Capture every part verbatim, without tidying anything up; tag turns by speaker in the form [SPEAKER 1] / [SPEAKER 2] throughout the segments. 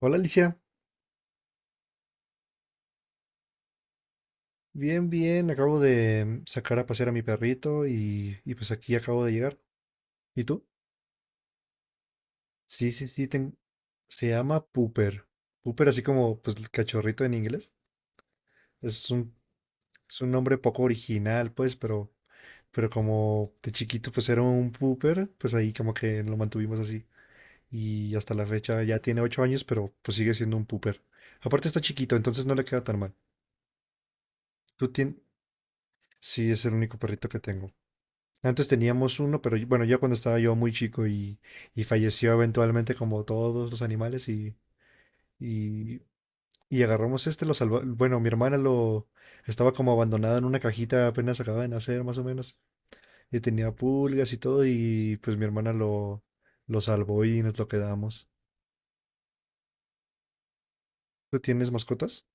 [SPEAKER 1] Hola Alicia, bien, bien, acabo de sacar a pasear a mi perrito y, y pues aquí acabo de llegar. ¿Y tú? Sí, sí, sí, ten- se llama Pooper. Pooper así como pues el cachorrito en inglés. Es un, es un nombre poco original pues, pero, pero como de chiquito pues era un Pooper, pues ahí como que lo mantuvimos así. Y hasta la fecha ya tiene ocho años, pero pues sigue siendo un Pooper. Aparte está chiquito, entonces no le queda tan mal. Tú tienes. Sí, es el único perrito que tengo. Antes teníamos uno, pero bueno, ya cuando estaba yo muy chico y, y falleció eventualmente como todos los animales y, y, y agarramos este, lo salvó. Bueno, mi hermana lo estaba como abandonada en una cajita apenas acababa de nacer más o menos y tenía pulgas y todo y pues mi hermana lo, lo salvó y nos lo quedamos. ¿Tú tienes mascotas?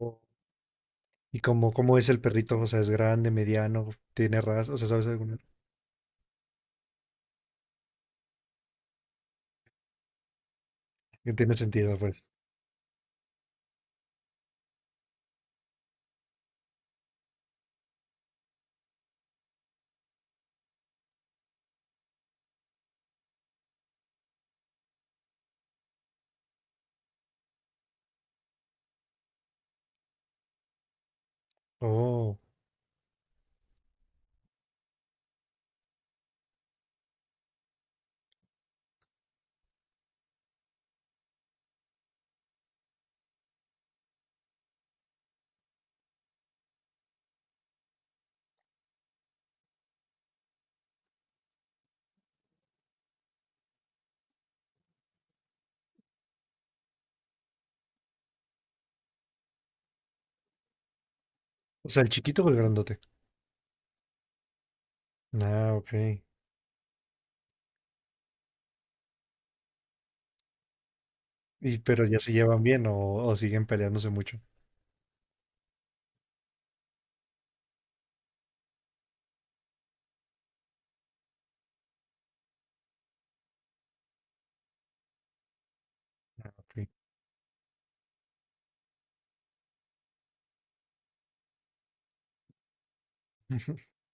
[SPEAKER 1] Oh. ¿Y cómo, cómo es el perrito? O sea, es grande, mediano, tiene raza, o sea, ¿sabes alguna? Que tiene sentido, pues. Oh, o sea, el chiquito o el grandote. Ah, ok. Y, pero ya se llevan bien o, o siguen peleándose mucho. Ah, ok.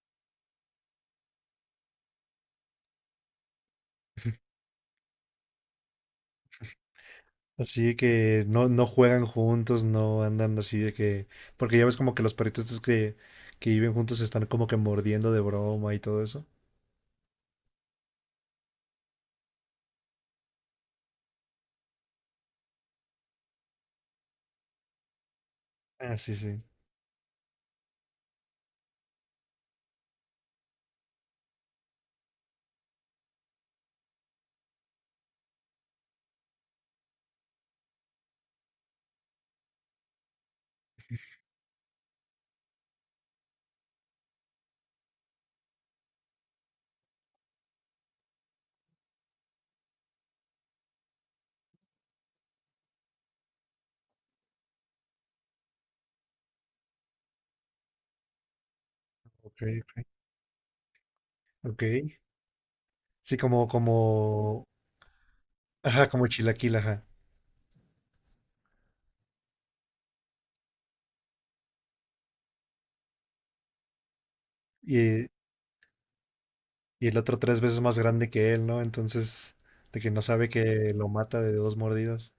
[SPEAKER 1] Así que no, no juegan juntos, no andan así de que. Porque ya ves como que los perritos estos que, que viven juntos están como que mordiendo de broma y todo eso. Ah, sí, sí. Ok, ok. Sí, como, como. Ajá, como chilaquil, ajá. Y, y el otro tres veces más grande que él, ¿no? Entonces, de que no sabe que lo mata de dos mordidas.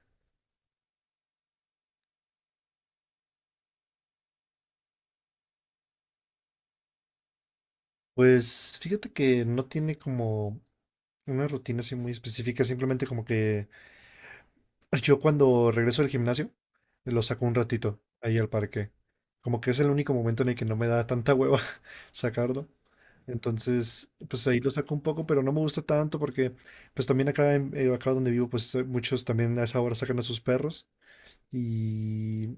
[SPEAKER 1] Pues fíjate que no tiene como. Una rutina así muy específica, simplemente como que yo cuando regreso del gimnasio, lo saco un ratito ahí al parque. Como que es el único momento en el que no me da tanta hueva sacarlo. Entonces, pues ahí lo saco un poco, pero no me gusta tanto porque, pues también acá, en- eh, acá donde vivo, pues eh, muchos también a esa hora sacan a sus perros y,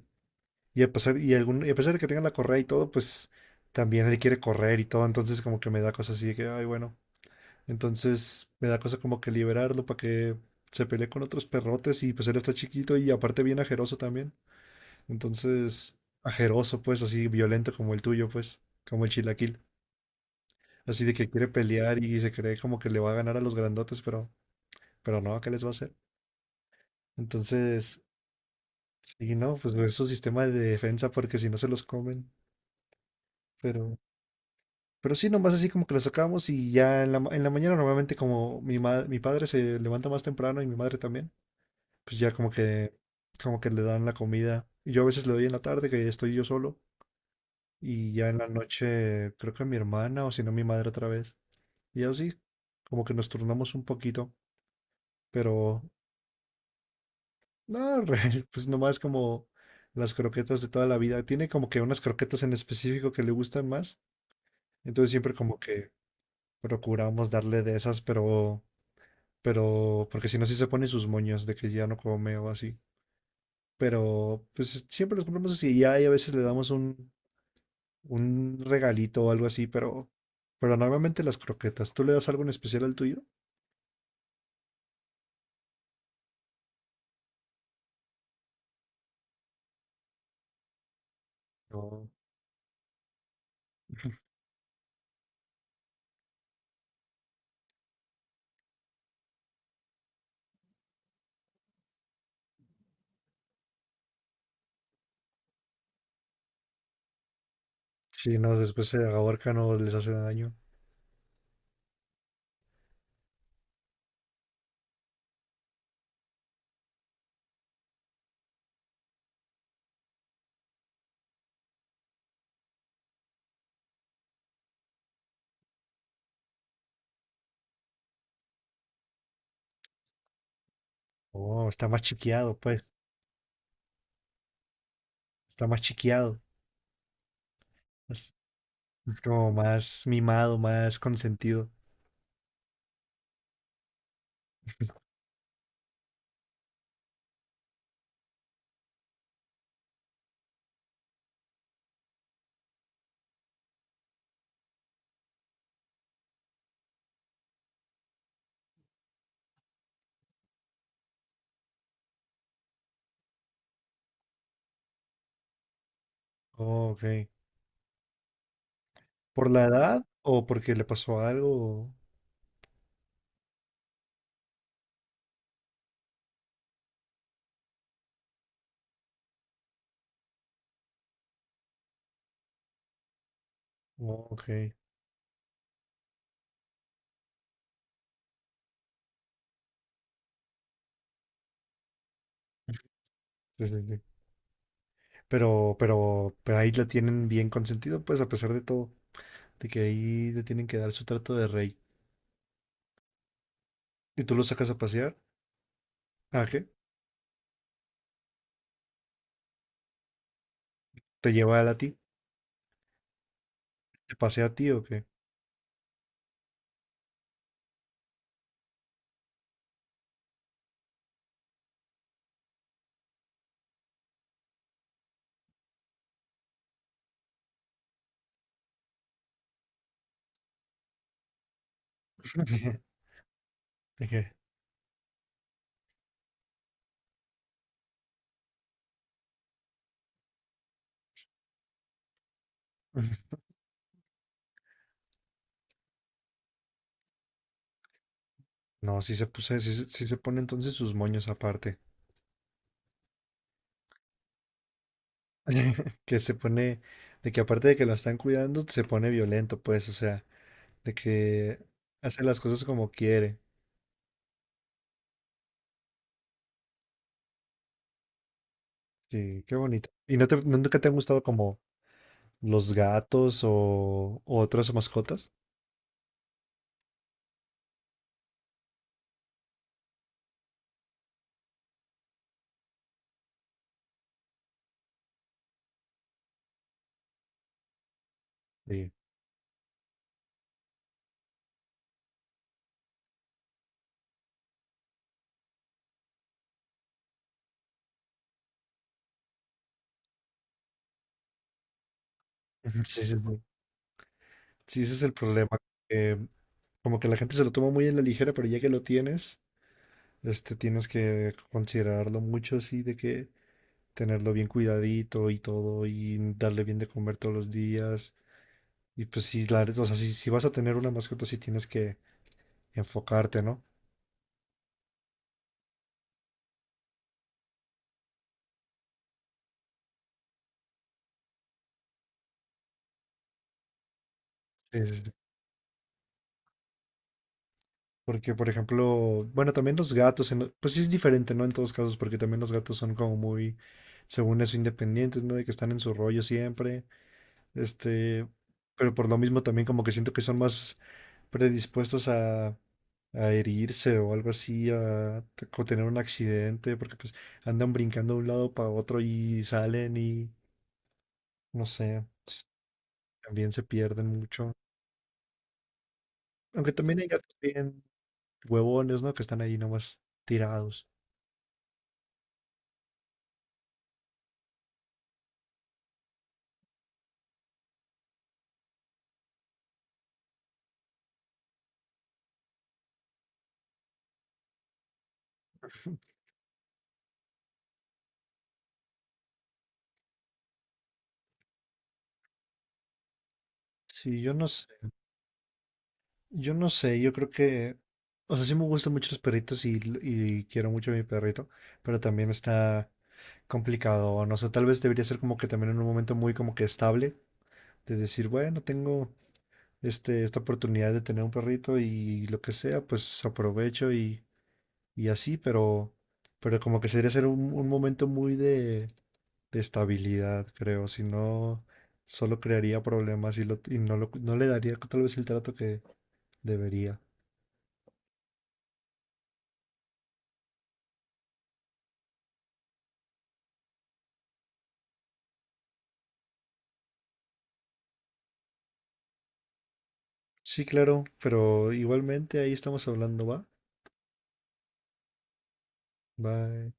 [SPEAKER 1] y a pesar, y, algún, y a pesar de que tengan la correa y todo, pues también él quiere correr y todo, entonces como que me da cosas así de que, ay, bueno, entonces me da cosa como que liberarlo para que se pelee con otros perrotes y pues él está chiquito y aparte bien ajeroso también. Entonces, ajeroso pues, así violento como el tuyo pues, como el chilaquil. Así de que quiere pelear y se cree como que le va a ganar a los grandotes, pero, pero no, ¿qué les va a hacer? Entonces, y no, pues es su sistema de defensa porque si no se los comen. Pero, pero sí, nomás así como que los sacamos y ya en la, ma- en la mañana normalmente como mi, ma- mi padre se levanta más temprano y mi madre también. Pues ya como que, como que le dan la comida. Yo a veces le doy en la tarde, que estoy yo solo, y ya en la noche creo que mi hermana o si no mi madre otra vez. Y así, como que nos turnamos un poquito, pero no, re- pues nomás como las croquetas de toda la vida. Tiene como que unas croquetas en específico que le gustan más, entonces siempre como que procuramos darle de esas, pero, pero, porque si no, sí se pone sus moños de que ya no come o así. Pero pues siempre los ponemos así y ya y a veces le damos un, un regalito o algo así, pero, pero normalmente las croquetas. ¿Tú le das algo en especial al tuyo? No. Sí, no, después se ahorcan o les hace daño. Oh, está más chiqueado, pues. Está más chiqueado. Es, es como más mimado, más consentido. Oh, ok. ¿Por la edad o porque le pasó algo? Oh, ok. Sí, sí, sí. Pero, pero, pero ahí lo tienen bien consentido, pues, a pesar de todo. De que ahí le tienen que dar su trato de rey. ¿Y tú lo sacas a pasear? ¿A qué? ¿Te lleva él a ti? ¿Te pasea a ti o qué? Dije, no, sí se puse, sí, se sí se pone entonces sus moños aparte. Que se pone, de que aparte de que lo están cuidando, se pone violento, pues, o sea, de que hace las cosas como quiere. Sí, qué bonito. ¿Y no te, no- nunca te han gustado como los gatos o, o otras mascotas? Sí. Sí, sí, sí. Sí, ese es el problema, que como que la gente se lo toma muy en la ligera, pero ya que lo tienes. Este, tienes que considerarlo mucho, así de que tenerlo bien cuidadito y todo, y darle bien de comer todos los días. Y pues si la, o sea, si, si vas a tener una mascota, sí tienes que enfocarte, ¿no? Sí, sí, sí. Porque, por ejemplo, bueno, también los gatos, en lo- pues sí es diferente, ¿no? En todos casos, porque también los gatos son como muy, según eso, independientes, ¿no? De que están en su rollo siempre. Este, pero por lo mismo también como que siento que son más predispuestos a, a herirse o algo así, a t- co- tener un accidente, porque pues andan brincando de un lado para otro y salen y no sé, s- también se pierden mucho. Aunque también hay gatos bien huevones, ¿no? Que están ahí nomás tirados. Sí, yo no sé. Yo no sé, yo creo que, o sea, sí me gustan mucho los perritos y, y quiero mucho a mi perrito, pero también está complicado, no sé, tal vez debería ser como que también en un momento muy como que estable, de decir, bueno, tengo este, esta oportunidad de tener un perrito y lo que sea, pues aprovecho y, y así, pero, pero como que sería ser un, un momento muy de, de estabilidad, creo, si no, solo crearía problemas y, lo- y no, lo- no le daría tal vez el trato que debería. Sí, claro, pero igualmente ahí estamos hablando, ¿va? Va,